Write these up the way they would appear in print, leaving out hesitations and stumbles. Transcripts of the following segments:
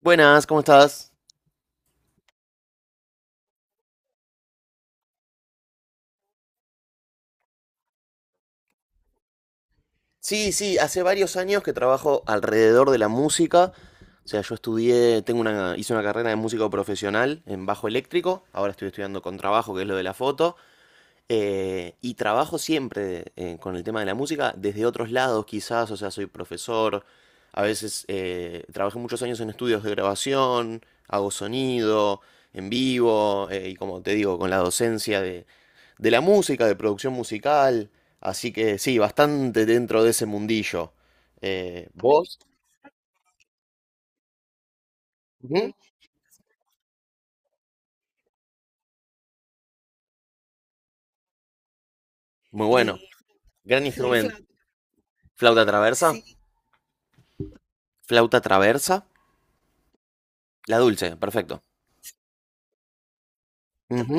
Buenas, ¿cómo estás? Sí, sí, hace varios años que trabajo alrededor de la música. O sea, yo estudié, hice una carrera de músico profesional en bajo eléctrico. Ahora estoy estudiando con trabajo, que es lo de la foto. Y trabajo siempre con el tema de la música desde otros lados, quizás. O sea, soy profesor. A veces trabajé muchos años en estudios de grabación, hago sonido en vivo. Y como te digo, con la docencia de la música, de producción musical. Así que sí, bastante dentro de ese mundillo. ¿Vos? Ujú. Muy bueno. Gran, sí, instrumento. ¿Flauta traversa? Sí. ¿Flauta traversa? La dulce, perfecto. Ujú,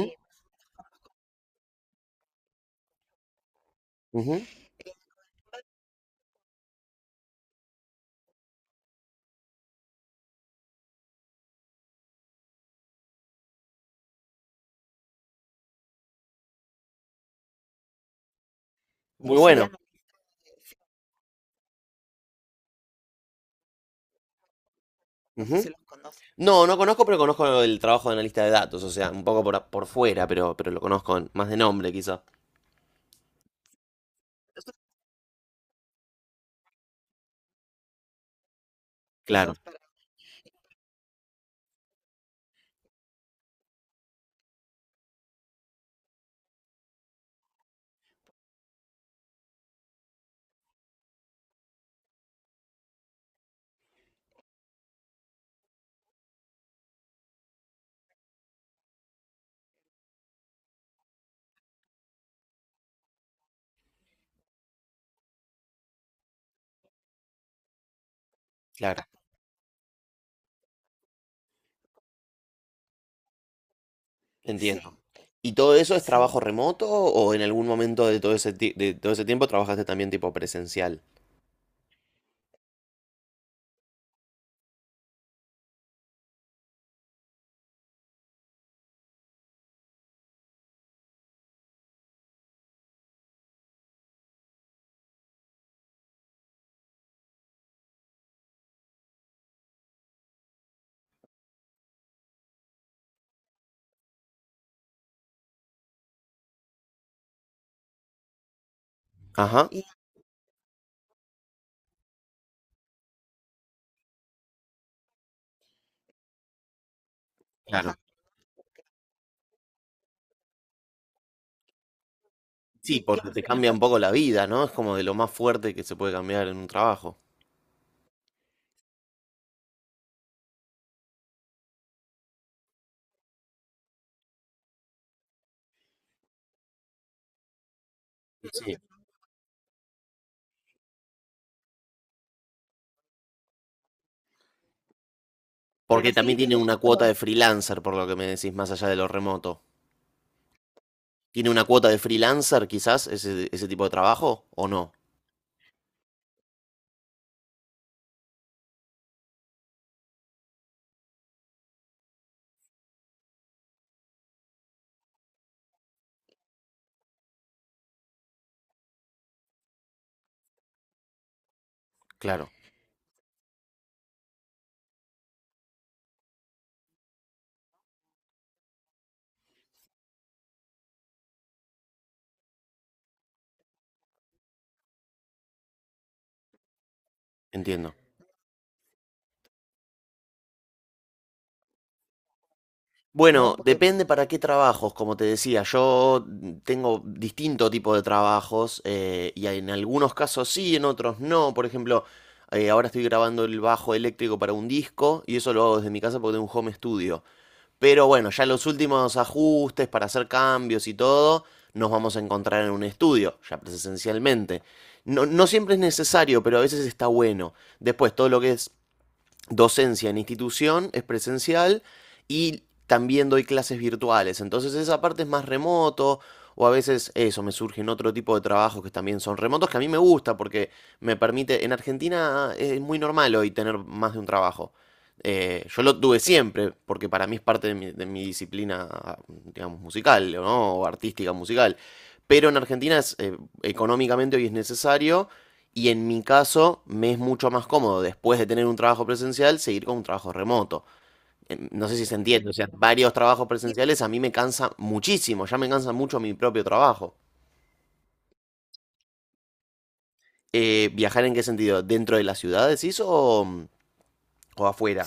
ujú. Muy Soy bueno. No sé. Ujú. No, no conozco, pero conozco el trabajo de analista de datos, o sea, un poco por, por fuera, pero lo conozco más de nombre, quizá. Pero, claro, claro, sí, entiendo. ¿Y todo eso es, sí, trabajo remoto o en algún momento de todo ese, de todo ese tiempo trabajaste también tipo presencial? Ajá, claro. Sí, porque creo te cambia un poco la vida, ¿no? Es como de lo más fuerte que se puede cambiar en un trabajo. Sí. Porque también tiene una cuota de freelancer, por lo que me decís, más allá de lo remoto. ¿Tiene una cuota de freelancer quizás ese tipo de trabajo o no? Claro, entiendo. No, bueno, depende para qué trabajos, como te decía, yo tengo distinto tipo de trabajos y en algunos casos sí, en otros no. Por ejemplo, ahora estoy grabando el bajo eléctrico para un disco y eso lo hago desde mi casa porque tengo un home studio. Pero bueno, ya los últimos ajustes para hacer cambios y todo, nos vamos a encontrar en un estudio, ya presencialmente. No, no siempre es necesario, pero a veces está bueno. Después, todo lo que es docencia en institución es presencial y también doy clases virtuales. Entonces esa parte es más remoto o a veces eso, me surgen otro tipo de trabajos que también son remotos que a mí me gusta porque me permite, en Argentina es muy normal hoy tener más de un trabajo. Yo lo tuve siempre, porque para mí es parte de mi disciplina, digamos, musical, ¿no? O artística musical. Pero en Argentina es, económicamente hoy es necesario y en mi caso me es mucho más cómodo después de tener un trabajo presencial seguir con un trabajo remoto. No sé si se entiende, o sea, varios trabajos presenciales a mí me cansa muchísimo, ya me cansa mucho mi propio trabajo. ¿Viajar en qué sentido? ¿Dentro de las ciudades, decís, o afuera?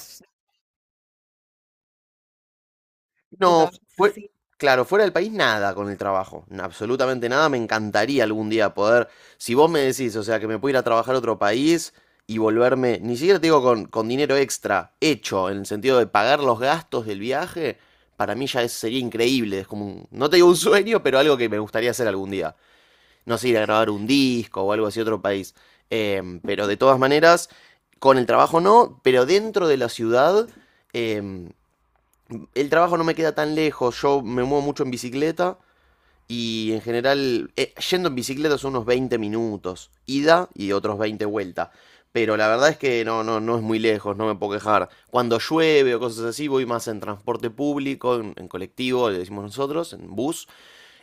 No, fue, claro, fuera del país nada con el trabajo, absolutamente nada. Me encantaría algún día poder, si vos me decís, o sea, que me puedo ir a trabajar a otro país y volverme, ni siquiera te digo con dinero extra, hecho, en el sentido de pagar los gastos del viaje, para mí ya sería increíble. Es como, no te digo un sueño, pero algo que me gustaría hacer algún día. No sé, ir a grabar un disco o algo así a otro país. Pero de todas maneras, con el trabajo no, pero dentro de la ciudad em, el trabajo no me queda tan lejos, yo me muevo mucho en bicicleta y en general yendo en bicicleta son unos 20 minutos, ida y otros 20 vuelta. Pero la verdad es que no, no, no es muy lejos, no me puedo quejar. Cuando llueve o cosas así, voy más en transporte público, en colectivo, le decimos nosotros, en bus,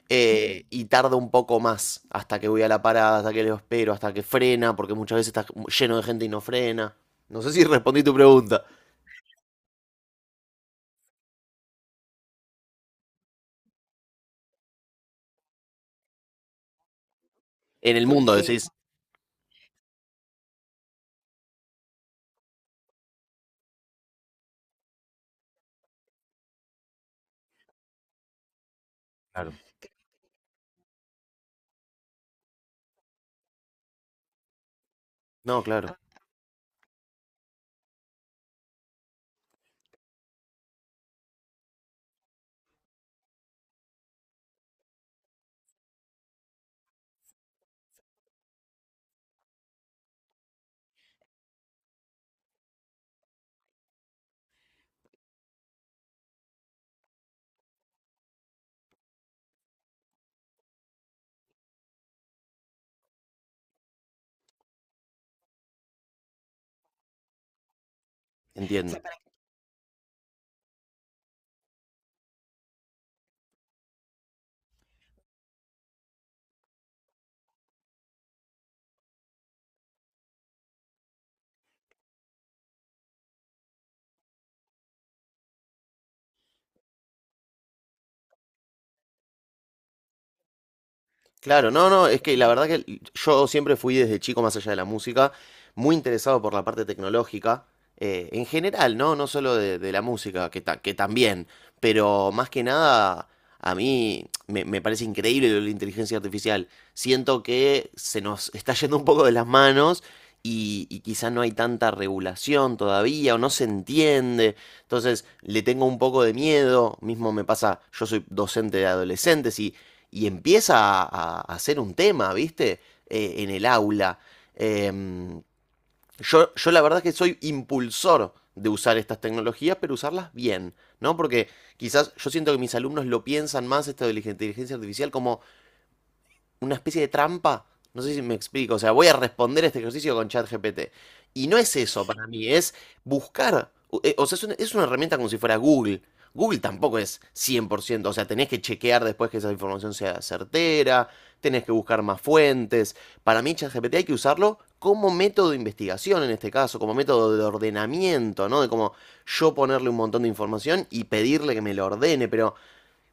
y tarda un poco más hasta que voy a la parada, hasta que lo espero, hasta que frena, porque muchas veces está lleno de gente y no frena. No sé si respondí tu pregunta. En el mundo decís. No, claro, entiendo. Claro, no, no, es que la verdad que yo siempre fui desde chico, más allá de la música, muy interesado por la parte tecnológica, en general, ¿no? No solo de la música, que también, pero más que nada, a mí me parece increíble lo de la inteligencia artificial. Siento que se nos está yendo un poco de las manos y quizá no hay tanta regulación todavía o no se entiende. Entonces, le tengo un poco de miedo, mismo me pasa, yo soy docente de adolescentes y empieza a hacer un tema, ¿viste? En el aula. Eh, yo la verdad es que soy impulsor de usar estas tecnologías, pero usarlas bien, ¿no? Porque quizás yo siento que mis alumnos lo piensan más esto de la inteligencia artificial como una especie de trampa. No sé si me explico. O sea, voy a responder este ejercicio con ChatGPT. Y no es eso para mí, es buscar. O sea, es una herramienta como si fuera Google. Google tampoco es 100%. O sea, tenés que chequear después que esa información sea certera. Tenés que buscar más fuentes. Para mí, ChatGPT hay que usarlo como método de investigación en este caso, como método de ordenamiento, ¿no? De como yo ponerle un montón de información y pedirle que me lo ordene, pero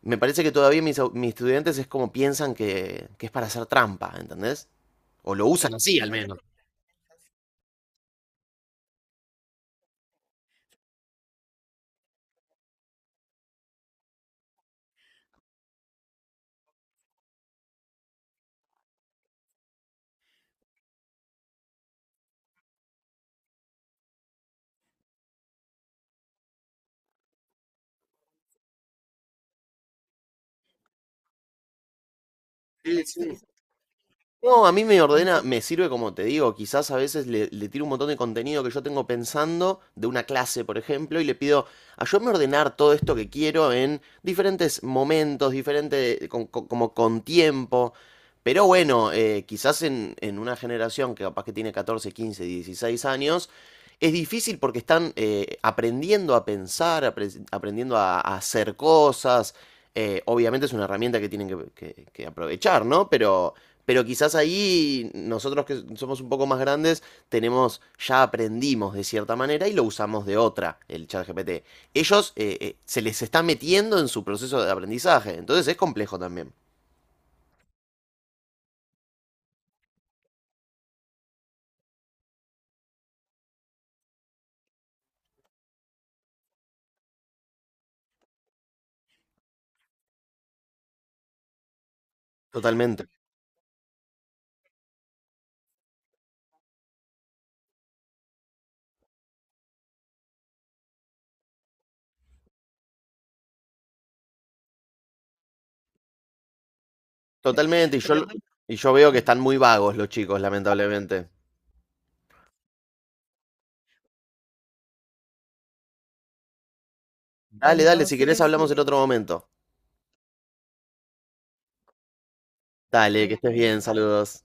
me parece que todavía mis estudiantes es como piensan que es para hacer trampa, ¿entendés? O lo usan así al menos. Sí, sí. No, a mí me ordena, me sirve como te digo, quizás a veces le tiro un montón de contenido que yo tengo pensando de una clase, por ejemplo, y le pido, ayúdame a ordenar todo esto que quiero en diferentes momentos, diferente, como con tiempo. Pero bueno, quizás en una generación que capaz que tiene 14, 15, 16 años, es difícil porque están aprendiendo a pensar, aprendiendo a hacer cosas. Obviamente es una herramienta que tienen que aprovechar, ¿no? Pero quizás ahí nosotros que somos un poco más grandes tenemos, ya aprendimos de cierta manera y lo usamos de otra, el chat GPT. Ellos se les está metiendo en su proceso de aprendizaje, entonces es complejo también. Totalmente, totalmente. Y yo veo que están muy vagos los chicos, lamentablemente. Dale, dale, si querés. Entonces, hablamos en otro momento. Dale, que estés bien, saludos.